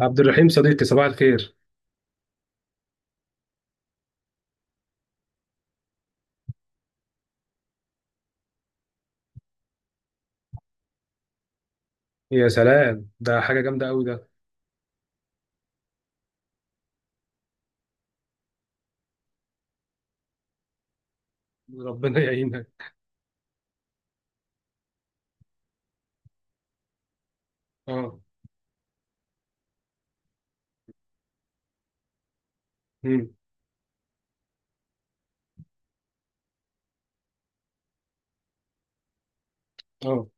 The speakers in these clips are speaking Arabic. عبد الرحيم صديقي، صباح الخير. يا سلام، ده حاجة جامدة قوي ده. ربنا يعينك. اه. امم اه.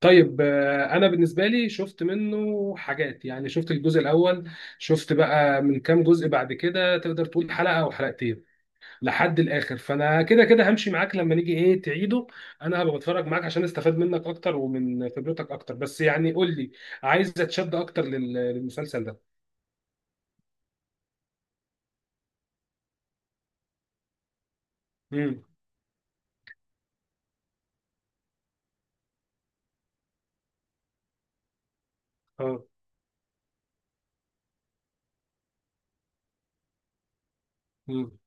طيب، انا بالنسبة لي شفت منه حاجات. يعني شفت الجزء الاول. شفت بقى من كام جزء بعد كده، تقدر تقول حلقة او حلقتين، لحد الاخر. فانا كده كده همشي معاك لما نيجي ايه تعيده. انا هبقى بتفرج معاك عشان استفاد منك اكتر ومن خبرتك اكتر، بس يعني قول لي، عايز اتشد اكتر للمسلسل ده. امم اه. امم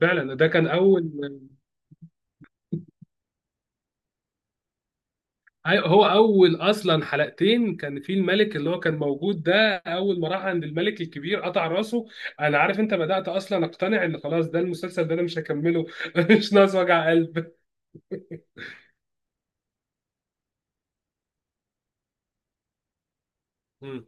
فعلا ده كان اول. أيوة، هو اول اصلا حلقتين كان في الملك اللي هو كان موجود ده. اول ما راح عند الملك الكبير قطع راسه. انا عارف، انت بدأت اصلا اقتنع ان خلاص ده المسلسل ده انا مش هكمله. مش ناقص وجع قلب. مم.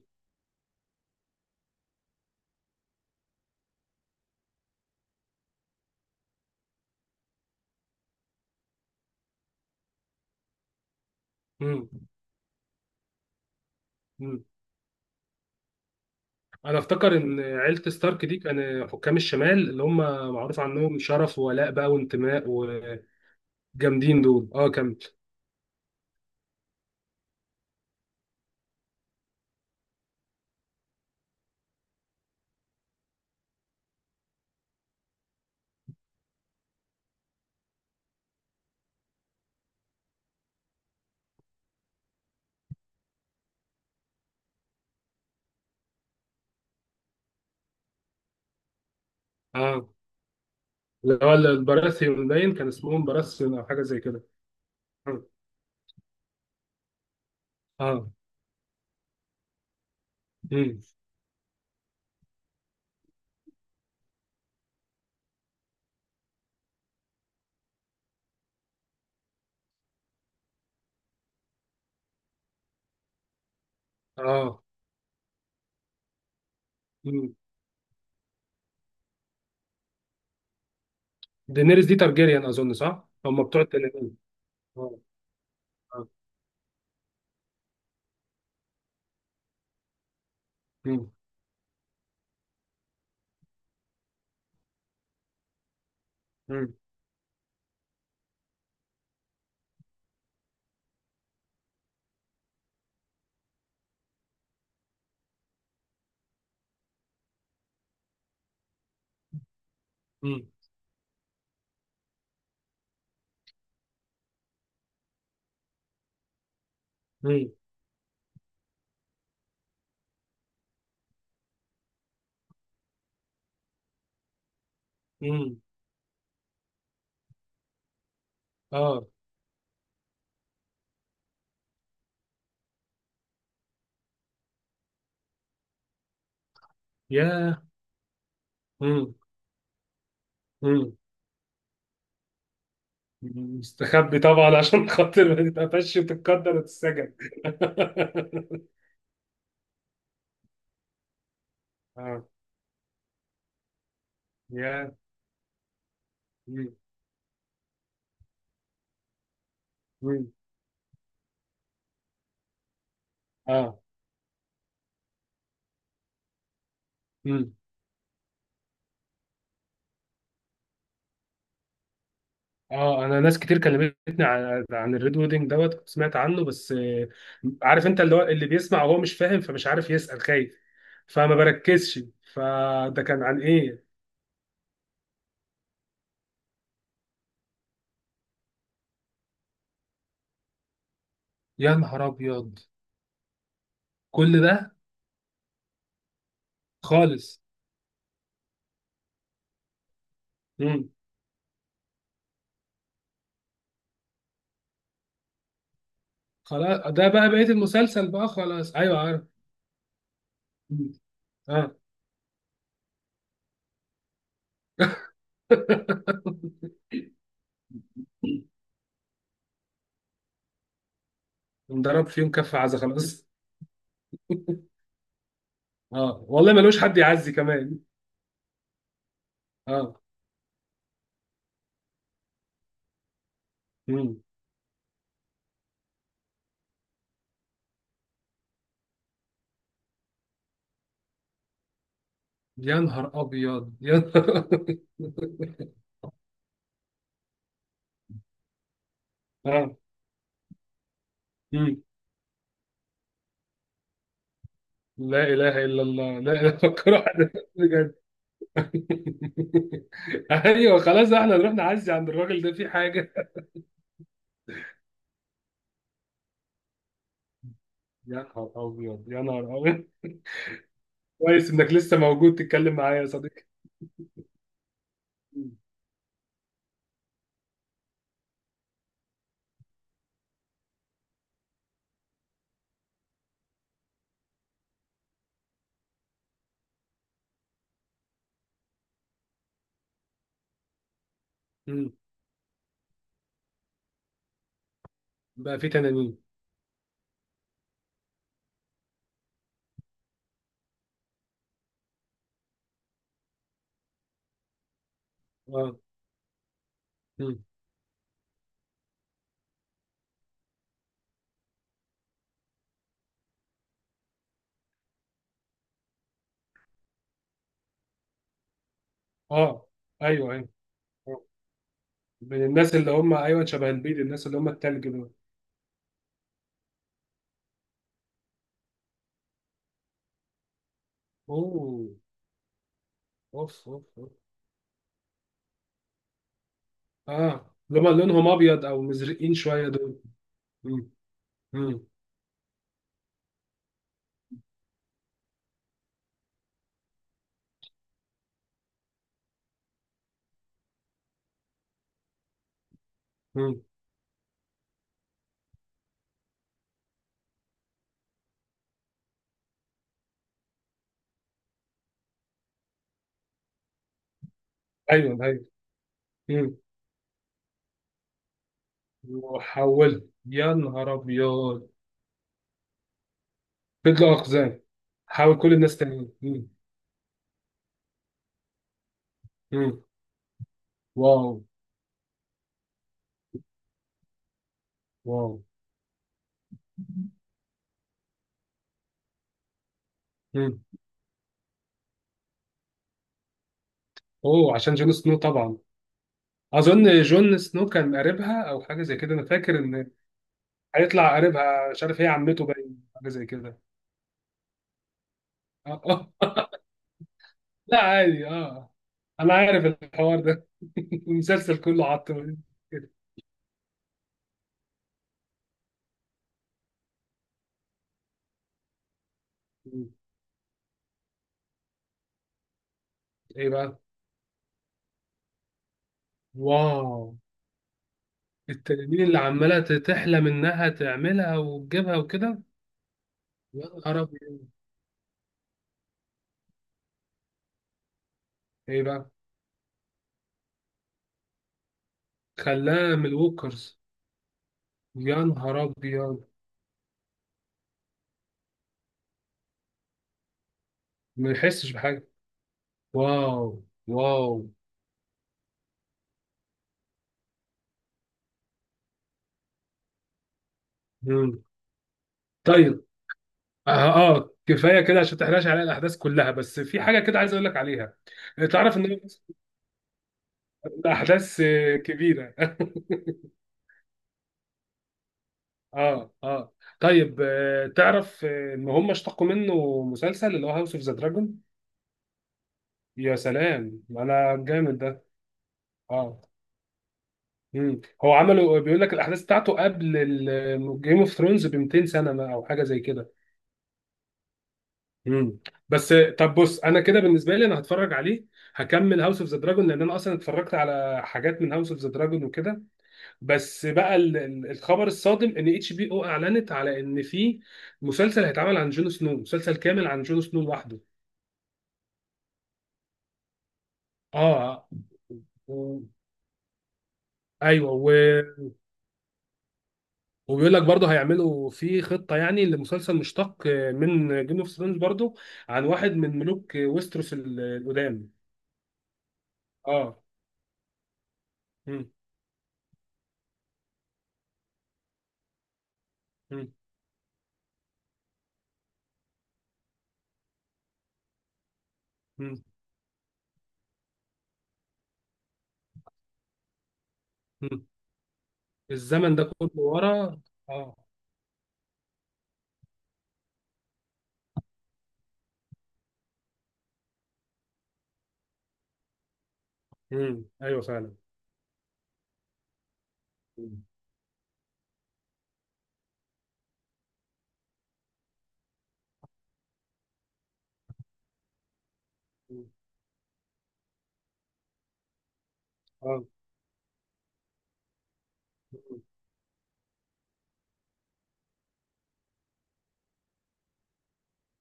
مم. مم. انا افتكر ان عيلة ستارك دي كان حكام الشمال اللي هم معروف عنهم شرف وولاء بقى وانتماء، وجامدين دول. اه، كمل. اه، اللي هو البراثيون، باين كان اسمهم براثيون او حاجة زي كده. مم. اه. مم. اه. مم. دينيريس دي تارجيريان، اظن صح، هم بتوع التنانين. اه. اه. مم. مم. مم. مم. مم. اه. ياه. مم. مم. مستخبي طبعا عشان خاطر ما تتقفش وتتقدر وتتسجن. اه. ياه. مم. مم. اه. مم. اه. انا ناس كتير كلمتني عن الريد ويدنج دوت، كنت سمعت عنه بس، عارف انت اللي هو اللي بيسمع وهو مش فاهم، فمش عارف يسأل، خايف، فما بركزش. فده كان عن ايه؟ يا نهار ابيض. كل ده؟ خالص. مم. خلاص، ده بقى بقية المسلسل، بقى خلاص، ايوه عارف. مم. اه. انضرب فيهم كف عزة، خلاص. اه والله، ملوش حد يعزي كمان. اه. مم. يا نهار ابيض، يا نهار أبيض. اه. مم. لا اله الا الله. لا اله فكر واحد بجد. ايوه، خلاص، احنا نروح نعزي عند الراجل ده في حاجه. يا نهار ابيض، يا نهار ابيض. كويس انك لسه موجود تتكلم معايا يا صديقي. مم. بقى في تنانين؟ اه. مم. اه. ايوه ايوه. آه. من الناس اللي هم، ايوه، شبه البيض، الناس اللي هم التلج دول. اوه، اوف اوف اوف. اه، اللي هم لونهم ابيض او مزرقين شويه دول. مم. مم. مم. ايوه ايوه. مم. وحولت؟ يا نهار ابيض. فضلوا اقزام. حاول كل الناس تانيين. مم. مم. واو. واو. مم. اوه، عشان جون سنو طبعا. اظن جون سنو كان قريبها او حاجه زي كده، انا فاكر ان هيطلع قريبها، مش عارف، هي عمته باين حاجه زي كده. اه. آه. لا عادي، اه. انا عارف الحوار ده. المسلسل كله عطل. كده؟ ايه بقى؟ واو. التنانين اللي عماله تحلم انها تعملها وتجيبها وكده. يا نهار ابيض. ايه بقى؟ خلاها من الوكرز. يا نهار ابيض. ما يحسش بحاجه. واو. واو. مم. طيب. اه. كفايه كده عشان تحرقش على الاحداث كلها. بس في حاجه كده عايز اقول لك عليها. تعرف ان الاحداث كبيره. اه. اه. طيب، تعرف ان هم اشتقوا منه مسلسل اللي هو هاوس اوف ذا دراجون. يا سلام، انا جامد ده. اه. مم. هو عمله بيقول لك الاحداث بتاعته قبل جيم اوف ثرونز ب 200 سنه او حاجه زي كده. مم. بس، طب بص، انا كده بالنسبه لي انا هتفرج عليه. هكمل هاوس اوف ذا دراجون، لان انا اصلا اتفرجت على حاجات من هاوس اوف ذا دراجون وكده. بس بقى الخبر الصادم ان HBO اعلنت على ان في مسلسل هيتعمل عن جون سنو، مسلسل كامل عن جون سنو لوحده. اه. و... ايوه. وبيقول لك برضه هيعملوا في خطه، يعني لمسلسل مشتق من جيم اوف ثرونز برضه، عن واحد من ملوك ويستروس القدام. اه. مم. مم. مم. مم. الزمن ده كله ورا. اه. مم. ايوه فعلا. مم. مم. اه.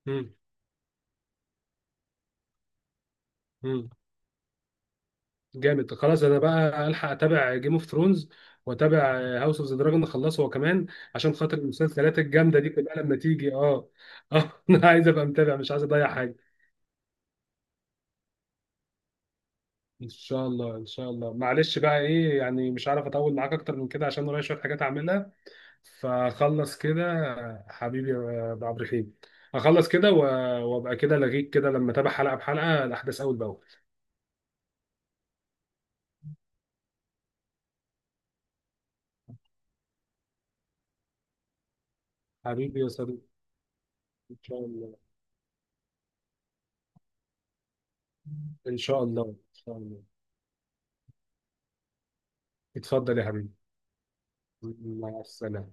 مم. مم. جامد. خلاص انا بقى الحق اتابع جيم اوف ثرونز واتابع هاوس اوف ذا دراجون، اخلصه هو كمان، عشان خاطر المسلسلات الجامده دي كلها لما تيجي. اه. اه. انا عايز ابقى متابع، مش عايز اضيع حاجه. ان شاء الله، ان شاء الله. معلش بقى، ايه يعني، مش عارف اطول معاك اكتر من كده عشان ورايا شويه حاجات اعملها. فخلص كده. حبيبي يا ابو عبد الرحيم. اخلص كده وابقى كده لغيك كده لما اتابع حلقه بحلقه الاحداث اول باول. حبيبي يا صديقي. ان شاء الله، ان شاء الله. ان شاء الله. اتفضل يا حبيبي. مع السلامة.